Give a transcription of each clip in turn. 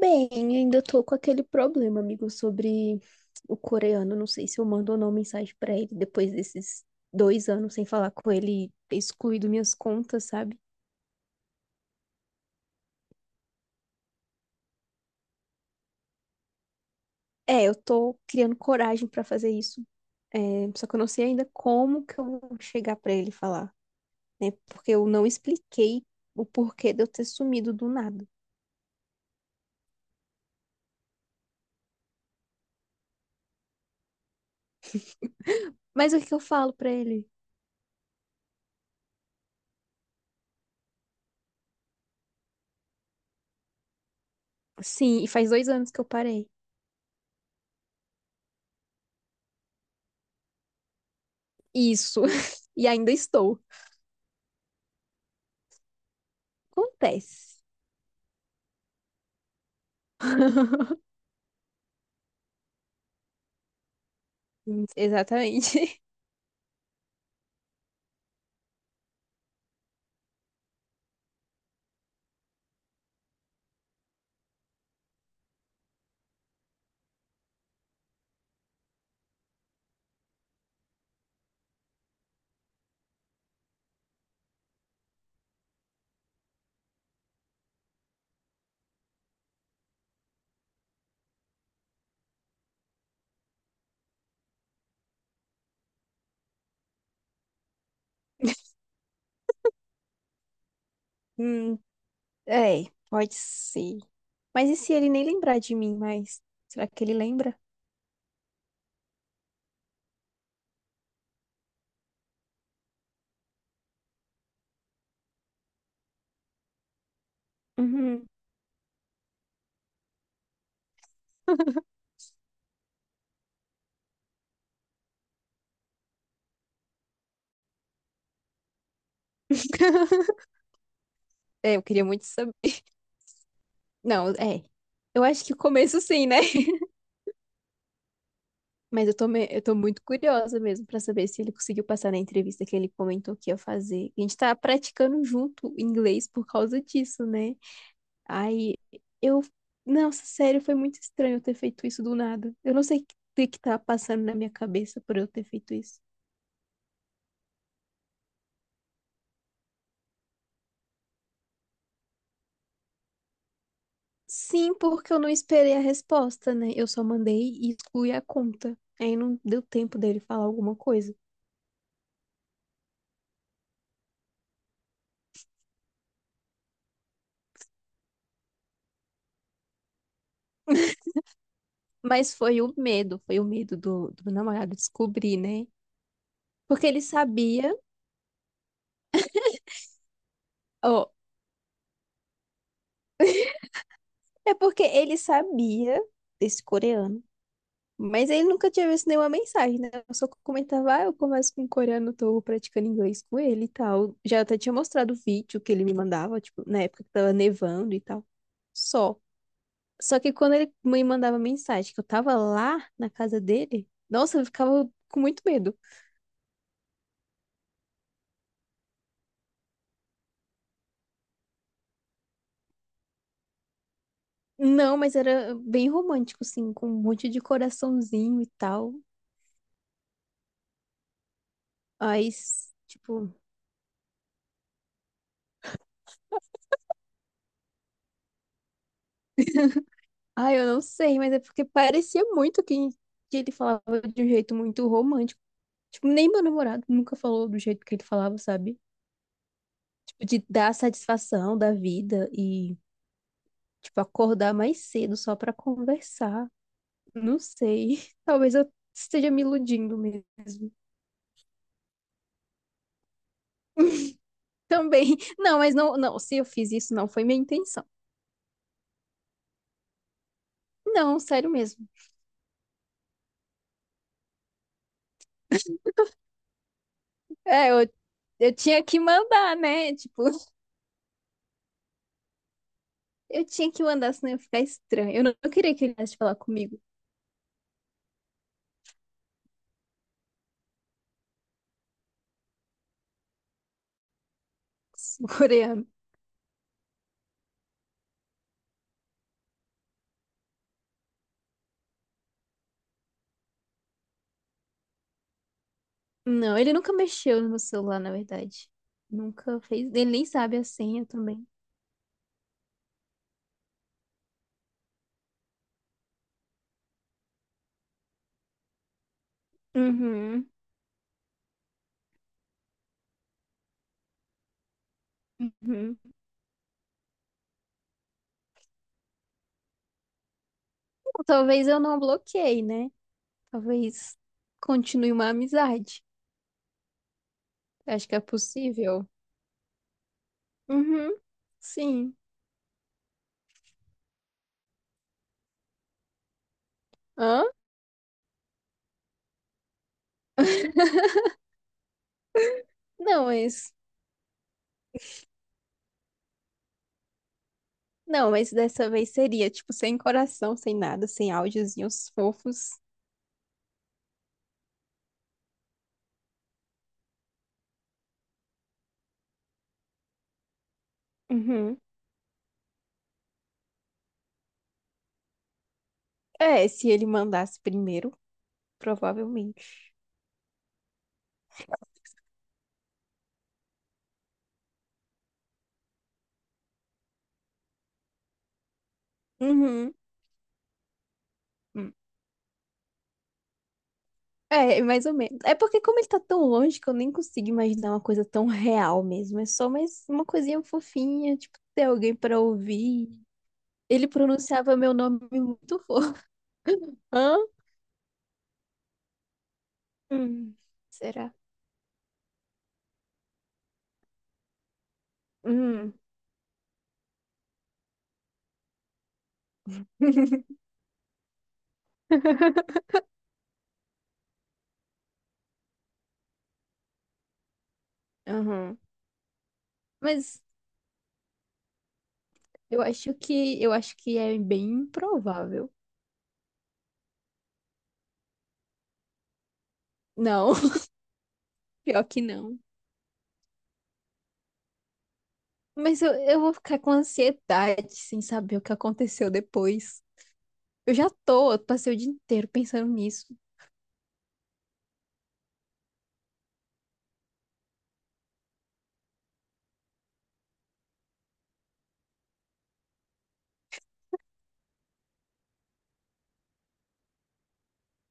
Bem, ainda tô com aquele problema, amigo, sobre o coreano. Não sei se eu mando ou não mensagem pra ele depois desses 2 anos sem falar com ele, e ter excluído minhas contas, sabe? É, eu tô criando coragem pra fazer isso. É, só que eu não sei ainda como que eu vou chegar pra ele e falar, né? Porque eu não expliquei o porquê de eu ter sumido do nada. Mas o que que eu falo pra ele? Sim, e faz 2 anos que eu parei. Isso. E ainda estou. Acontece. Exatamente. Hum, É, pode ser. Mas e se ele nem lembrar de mim mais? Será que ele lembra? Uhum. É, eu queria muito saber. Não, é. Eu acho que o começo sim, né? Mas eu tô muito curiosa mesmo pra saber se ele conseguiu passar na entrevista que ele comentou que ia fazer. A gente tá praticando junto inglês por causa disso, né? Aí eu. Nossa, sério, foi muito estranho eu ter feito isso do nada. Eu não sei o que que tá passando na minha cabeça por eu ter feito isso. Sim, porque eu não esperei a resposta, né? Eu só mandei e excluí a conta. Aí não deu tempo dele falar alguma coisa. Mas foi o medo do meu namorado descobrir, né? Porque ele sabia, ó, é porque ele sabia desse coreano. Mas ele nunca tinha visto nenhuma mensagem, né? Eu só comentava, ah, eu converso com um coreano, tô praticando inglês com ele e tal. Já até tinha mostrado o vídeo que ele me mandava, tipo, na época que tava nevando e tal. Só. Só que quando ele me mandava mensagem que eu tava lá na casa dele, nossa, eu ficava com muito medo. Não, mas era bem romântico, assim, com um monte de coraçãozinho e tal. Aí, tipo, eu não sei, mas é porque parecia muito que ele falava de um jeito muito romântico. Tipo, nem meu namorado nunca falou do jeito que ele falava, sabe? Tipo, de dar satisfação da vida e, tipo, acordar mais cedo só pra conversar. Não sei. Talvez eu esteja me iludindo mesmo. Também. Não, mas não, não. Se eu fiz isso, não foi minha intenção. Não, sério mesmo. É, eu tinha que mandar, né? Tipo, eu tinha que mandar, senão ia ficar estranho. Eu não, eu queria que ele viesse falar comigo, o coreano. Não, ele nunca mexeu no meu celular, na verdade. Nunca fez. Ele nem sabe a senha também. Uhum, uhum. Talvez eu não bloqueei, né? Talvez continue uma amizade. Acho que é possível. Uhum, sim. Hã? Não, mas. Não, mas dessa vez seria, tipo, sem coração, sem nada, sem áudiozinhos fofos. Uhum. É, se ele mandasse primeiro, provavelmente. Uhum. Hum. É, mais ou menos. É porque como ele tá tão longe que eu nem consigo imaginar uma coisa tão real mesmo. É só mais uma coisinha fofinha, tipo, ter alguém pra ouvir. Ele pronunciava meu nome muito fofo. Hã? Hum. Será? Hum. Uhum. Mas. Eu acho que é bem improvável. Não, pior que não. Mas eu vou ficar com ansiedade sem saber o que aconteceu depois. Eu já tô, eu passei o dia inteiro pensando nisso.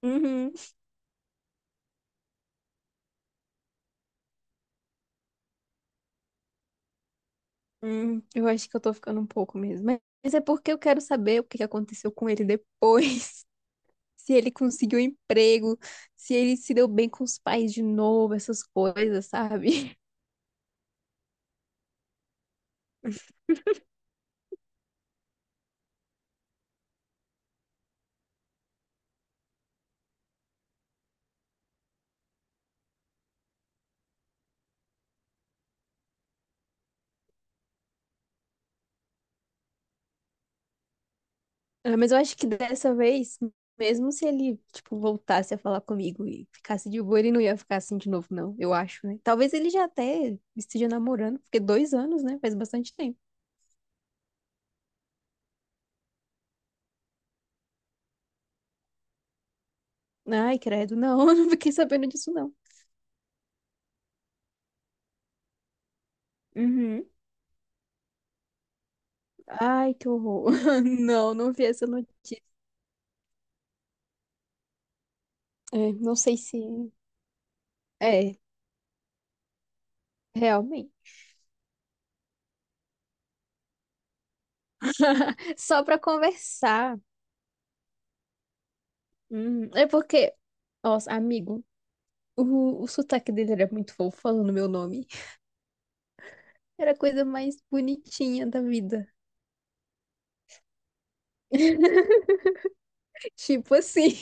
Uhum. Eu acho que eu tô ficando um pouco mesmo. Mas é porque eu quero saber o que que aconteceu com ele depois. Se ele conseguiu um emprego, se ele se deu bem com os pais de novo, essas coisas, sabe? Ah, mas eu acho que dessa vez, mesmo se ele, tipo, voltasse a falar comigo e ficasse de boa, ele não ia ficar assim de novo, não, eu acho, né? Talvez ele já até esteja namorando, porque 2 anos, né? Faz bastante tempo. Ai, credo, não, eu não fiquei sabendo disso, não. Uhum. Ai, que horror. Não, não vi essa notícia. É, não sei se. É, realmente. Só pra conversar. É porque, nossa, amigo, o sotaque dele era muito fofo falando meu nome. Era a coisa mais bonitinha da vida. Tipo assim.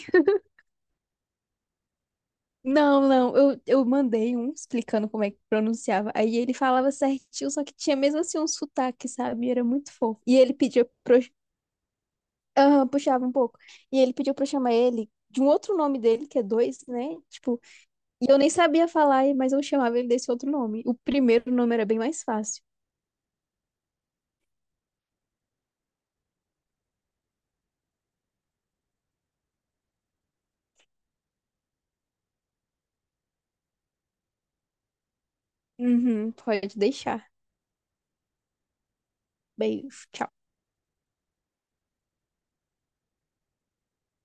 Não, não, eu mandei um explicando como é que pronunciava. Aí ele falava certinho, só que tinha mesmo assim um sotaque, sabe? Era muito fofo. E ele pedia pra. Eu- Aham, puxava um pouco. E ele pediu pra eu chamar ele de um outro nome dele, que é dois, né? Tipo, e eu nem sabia falar, mas eu chamava ele desse outro nome. O primeiro nome era bem mais fácil. Uhum, pode deixar. Beijo. Tchau.